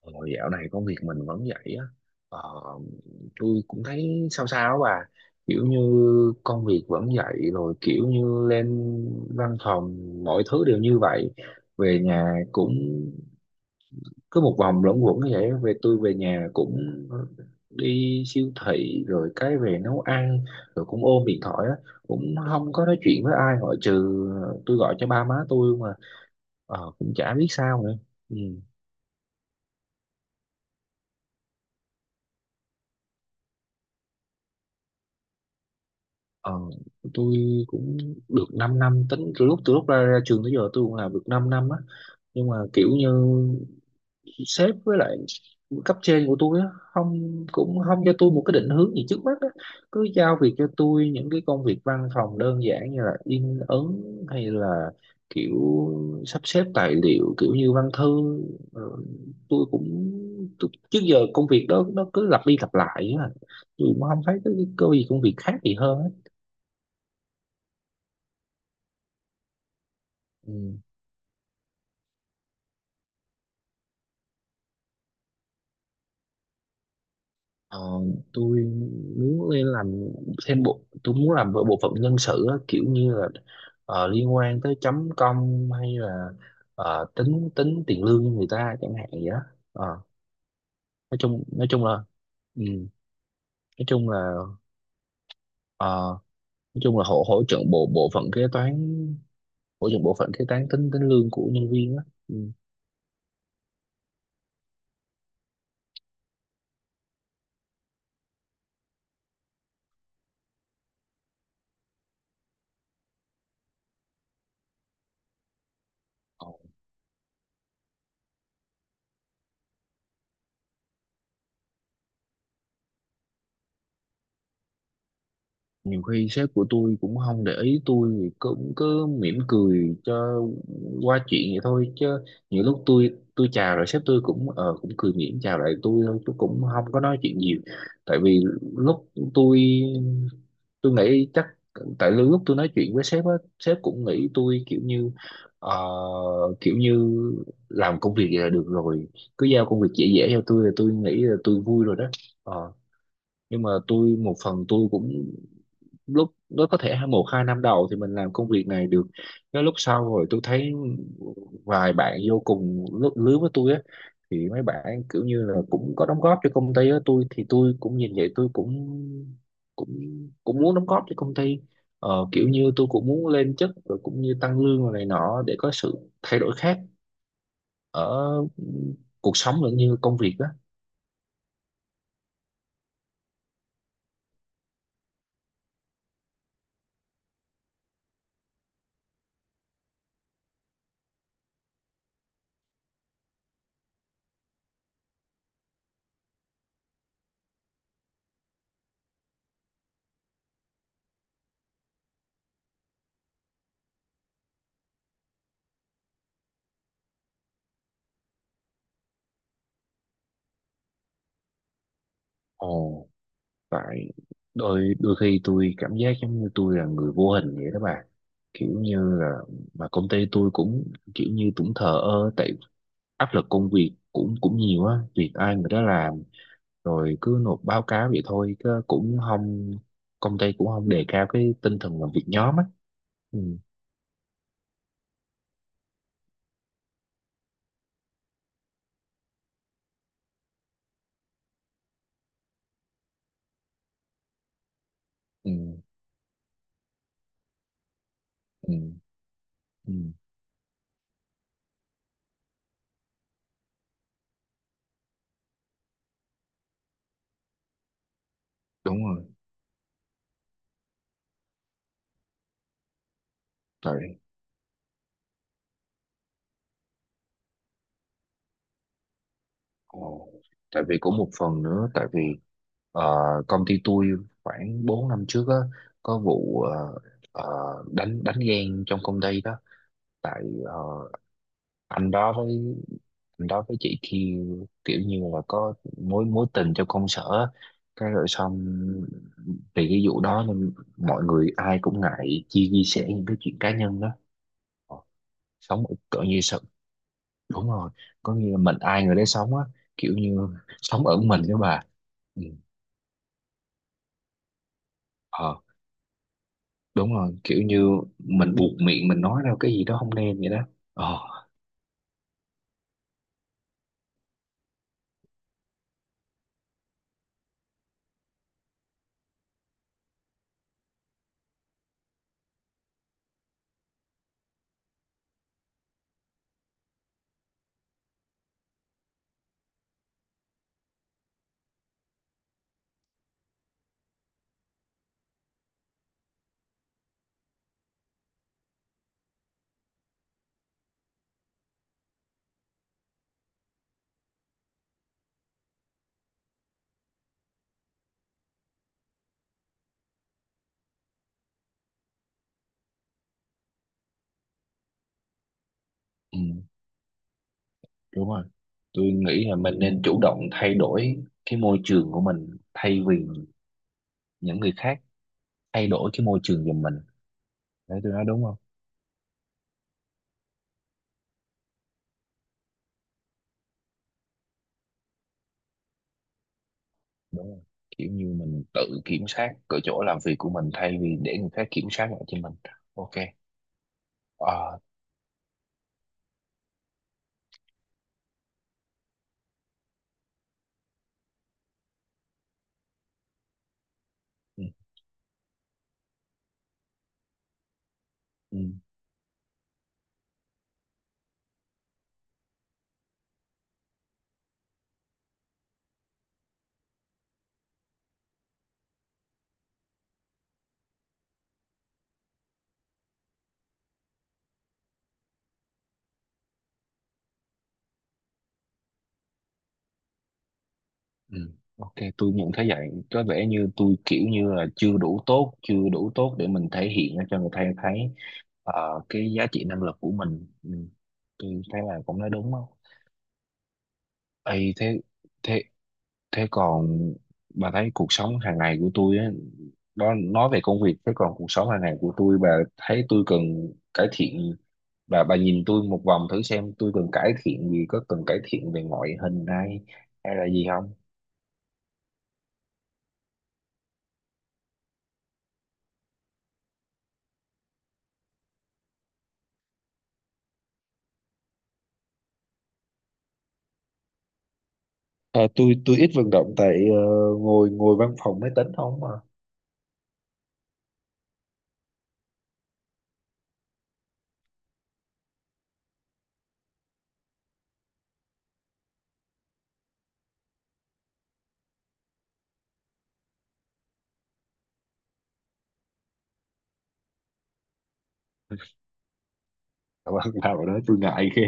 Ờ, Dạo này công việc mình vẫn vậy á. ờ, tôi cũng thấy sao sao á bà, kiểu như công việc vẫn vậy, rồi kiểu như lên văn phòng mọi thứ đều như vậy. Về nhà cũng cứ một vòng luẩn quẩn như vậy. Tôi về nhà cũng đi siêu thị rồi cái về nấu ăn, rồi cũng ôm điện thoại á, cũng không có nói chuyện với ai ngoại trừ tôi gọi cho ba má tôi mà. Cũng chả biết sao nữa. Ừ. Ờ, tôi cũng được 5 năm năm, tính từ lúc ra trường tới giờ tôi cũng làm được 5 năm á. Nhưng mà kiểu như sếp với lại cấp trên của tôi á, không cũng không cho tôi một cái định hướng gì trước mắt á, cứ giao việc cho tôi những cái công việc văn phòng đơn giản như là in ấn, hay là kiểu sắp xếp tài liệu kiểu như văn thư. Rồi tôi cũng trước giờ công việc đó nó cứ lặp đi lặp lại á, tôi cũng không thấy cái gì công việc khác gì hơn á. Ừ. Ờ, tôi muốn lên làm thêm bộ tôi muốn làm bộ bộ phận nhân sự á, kiểu như là liên quan tới chấm công, hay là tính tính tiền lương cho người ta chẳng hạn vậy đó. Ờ, nói chung là ừ, nói chung là ờ, nói chung là hỗ hỗ trợ bộ bộ phận kế toán, hỗ trợ bộ phận kế toán tính tính lương của nhân viên á. Ừ. Nhiều khi sếp của tôi cũng không để ý, tôi thì cũng cứ mỉm cười cho qua chuyện vậy thôi. Chứ nhiều lúc tôi chào rồi sếp tôi cũng cũng cười mỉm chào lại tôi thôi, chứ cũng không có nói chuyện nhiều. Tại vì lúc tôi nghĩ chắc tại lúc tôi nói chuyện với sếp á, sếp cũng nghĩ tôi kiểu như, ờ, kiểu như làm công việc vậy là được rồi, cứ giao công việc dễ dễ cho tôi là tôi nghĩ là tôi vui rồi đó. Ờ, nhưng mà tôi một phần tôi cũng lúc nó có thể một hai năm đầu thì mình làm công việc này được, cái lúc sau rồi tôi thấy vài bạn vô cùng lứa với tôi á, thì mấy bạn kiểu như là cũng có đóng góp cho công ty á. Tôi thì tôi cũng nhìn vậy, tôi cũng cũng cũng muốn đóng góp cho công ty. Kiểu như tôi cũng muốn lên chức, rồi cũng như tăng lương rồi này nọ, để có sự thay đổi khác ở cuộc sống lẫn như công việc á. Ồ. Tại đôi đôi khi tôi cảm giác giống như tôi là người vô hình vậy đó bà, kiểu như là, mà công ty tôi cũng kiểu như cũng thờ ơ. Tại áp lực công việc cũng cũng nhiều á, việc ai người đó làm, rồi cứ nộp báo cáo vậy thôi, chứ cũng không, công ty cũng không đề cao cái tinh thần làm việc nhóm á. Ừ. Ừ. Ừ. Ừ. Đúng rồi. Tại. Ồ. Tại vì cũng một phần nữa, tại vì ờ, công ty tôi khoảng 4 năm trước á có vụ ờ, đánh đánh ghen trong công ty đó. Tại anh đó với anh đó với chị kia, kiểu như là có mối mối tình trong công sở á. Cái rồi xong vì cái vụ đó nên mọi người ai cũng ngại chia chia sẻ những cái chuyện cá nhân đó. Ờ, sống ở cỡ như sao. Đúng rồi, có nghĩa là mình ai người đấy sống á, kiểu như sống ở mình đó bà. Ừ. ờ Đúng rồi, kiểu như mình buộc miệng mình nói ra cái gì đó không nên vậy đó. ờ ừ. Đúng rồi, tôi nghĩ là mình nên chủ động thay đổi cái môi trường của mình, thay vì những người khác thay đổi cái môi trường giùm mình. Đấy, tôi nói đúng không? Đúng rồi, kiểu như mình tự kiểm soát cái chỗ làm việc của mình thay vì để người khác kiểm soát lại cho mình. Ok. ờ ừ. Ừ. Ừ. Ok, tôi nhận thấy vậy. Có vẻ như tôi kiểu như là chưa đủ tốt, chưa đủ tốt để mình thể hiện ra cho người ta thấy cái giá trị năng lực của mình. Ừ. Tôi thấy là cũng nói đúng không? Ê, thế thế thế còn bà thấy cuộc sống hàng ngày của tôi á, đó, nói về công việc, thế còn cuộc sống hàng ngày của tôi, bà thấy tôi cần cải thiện. Bà nhìn tôi một vòng thử xem tôi cần cải thiện gì, có cần cải thiện về ngoại hình hay hay là gì. À, tôi ít vận động tại ngồi ngồi văn phòng máy tính không à. Mà bạn nào đó tôi ngại ghê.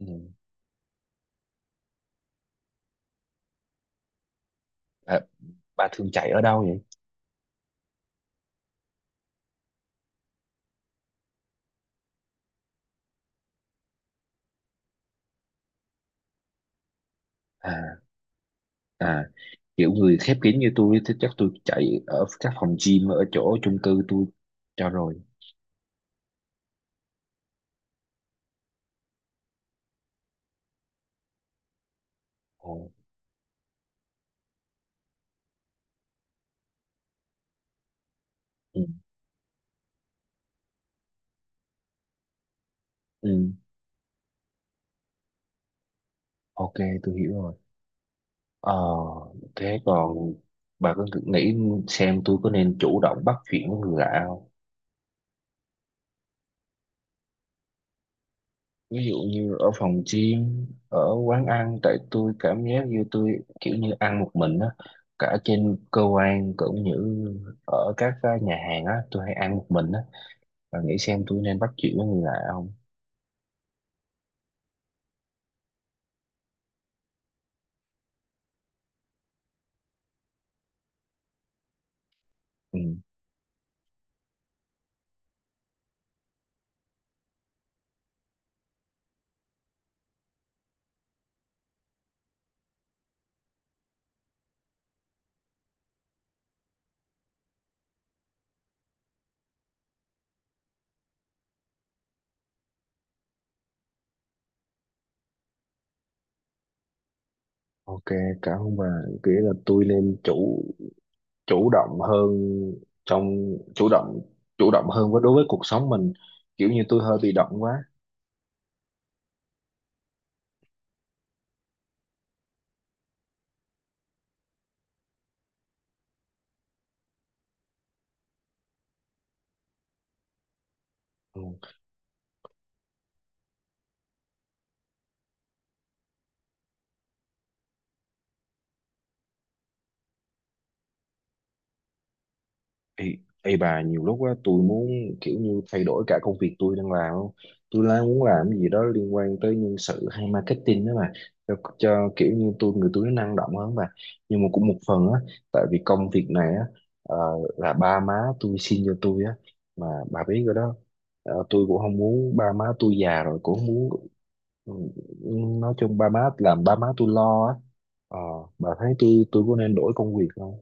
Ừ. À, bà thường chạy ở đâu vậy? À à, kiểu người khép kín như tôi thì chắc tôi chạy ở các phòng gym ở chỗ chung cư tôi cho rồi. Ồ. Ừ. Ừ. Ok, tôi hiểu rồi. ờ Thế còn bà có nghĩ xem tôi có nên chủ động bắt chuyện với người lạ không? Ví dụ như ở phòng gym, ở quán ăn, tại tôi cảm giác như tôi kiểu như ăn một mình á, cả trên cơ quan cũng như ở các nhà hàng á tôi hay ăn một mình á, và nghĩ xem tôi nên bắt chuyện với người lạ không. Ừ. Ok, cảm ơn bà. Nghĩa là tôi nên chủ chủ động hơn, trong chủ động hơn đối với cuộc sống mình. Kiểu như tôi hơi bị động quá. Ừ. Ê, ê, bà nhiều lúc á tôi muốn kiểu như thay đổi cả công việc tôi đang làm không? Tôi đang muốn làm cái gì đó liên quan tới nhân sự hay marketing đó mà, cho kiểu như tôi người tôi nó năng động hơn mà. Nhưng mà cũng một phần á, tại vì công việc này á ờ, là ba má tôi xin cho tôi á, mà bà biết rồi đó. Tôi cũng không muốn ba má tôi già rồi cũng không muốn, ừ, nói chung ba má làm ba má tôi lo á. Ờ, bà thấy tôi có nên đổi công việc không?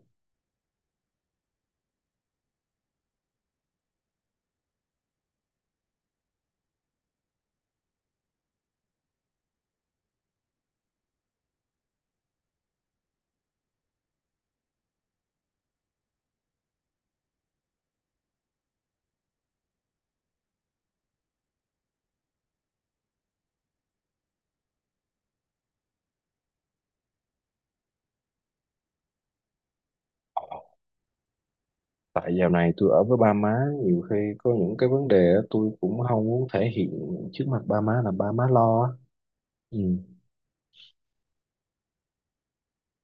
Tại dạo này tôi ở với ba má nhiều khi có những cái vấn đề á, tôi cũng không muốn thể hiện trước mặt ba má là ba má lo á. Ừ.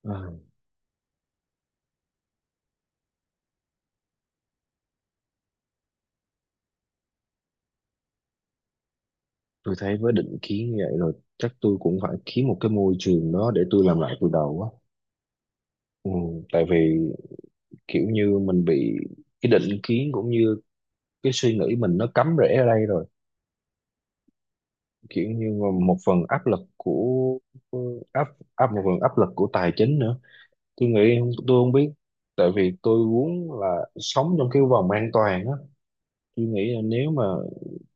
À, tôi thấy với định kiến như vậy rồi, chắc tôi cũng phải kiếm một cái môi trường đó để tôi làm lại từ đầu á. Ừ. Tại vì kiểu như mình bị cái định kiến cũng như cái suy nghĩ mình nó cắm rễ ở đây rồi, kiểu như mà một phần áp lực của áp áp một phần áp lực của tài chính nữa. Tôi nghĩ tôi không biết. Tại vì tôi muốn là sống trong cái vòng an toàn á, tôi nghĩ là nếu mà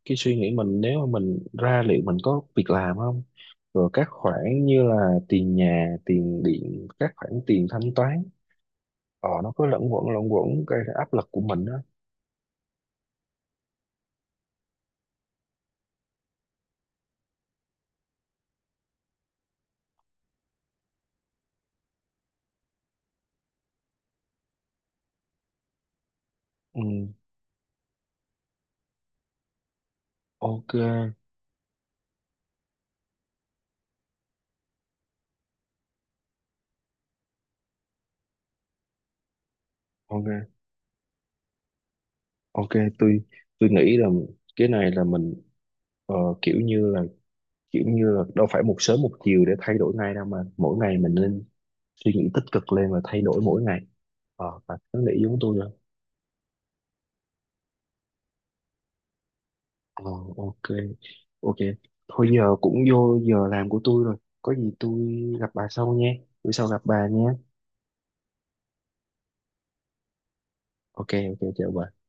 cái suy nghĩ mình, nếu mà mình ra liệu mình có việc làm không, rồi các khoản như là tiền nhà tiền điện, các khoản tiền thanh toán, nó cứ lẫn quẩn gây ra áp lực của mình á. Ừ. Ok. Ok. Ok. Tôi nghĩ là cái này là mình ờ, kiểu như là đâu phải một sớm một chiều để thay đổi ngay đâu, mà mỗi ngày mình nên suy nghĩ tích cực lên và thay đổi mỗi ngày. Và nó nghĩ giống tôi rồi. ờ ok. Ok. Thôi giờ cũng vô giờ làm của tôi rồi, có gì tôi gặp bà sau nha, bữa sau gặp bà nha. Ok. Ok, chào bà.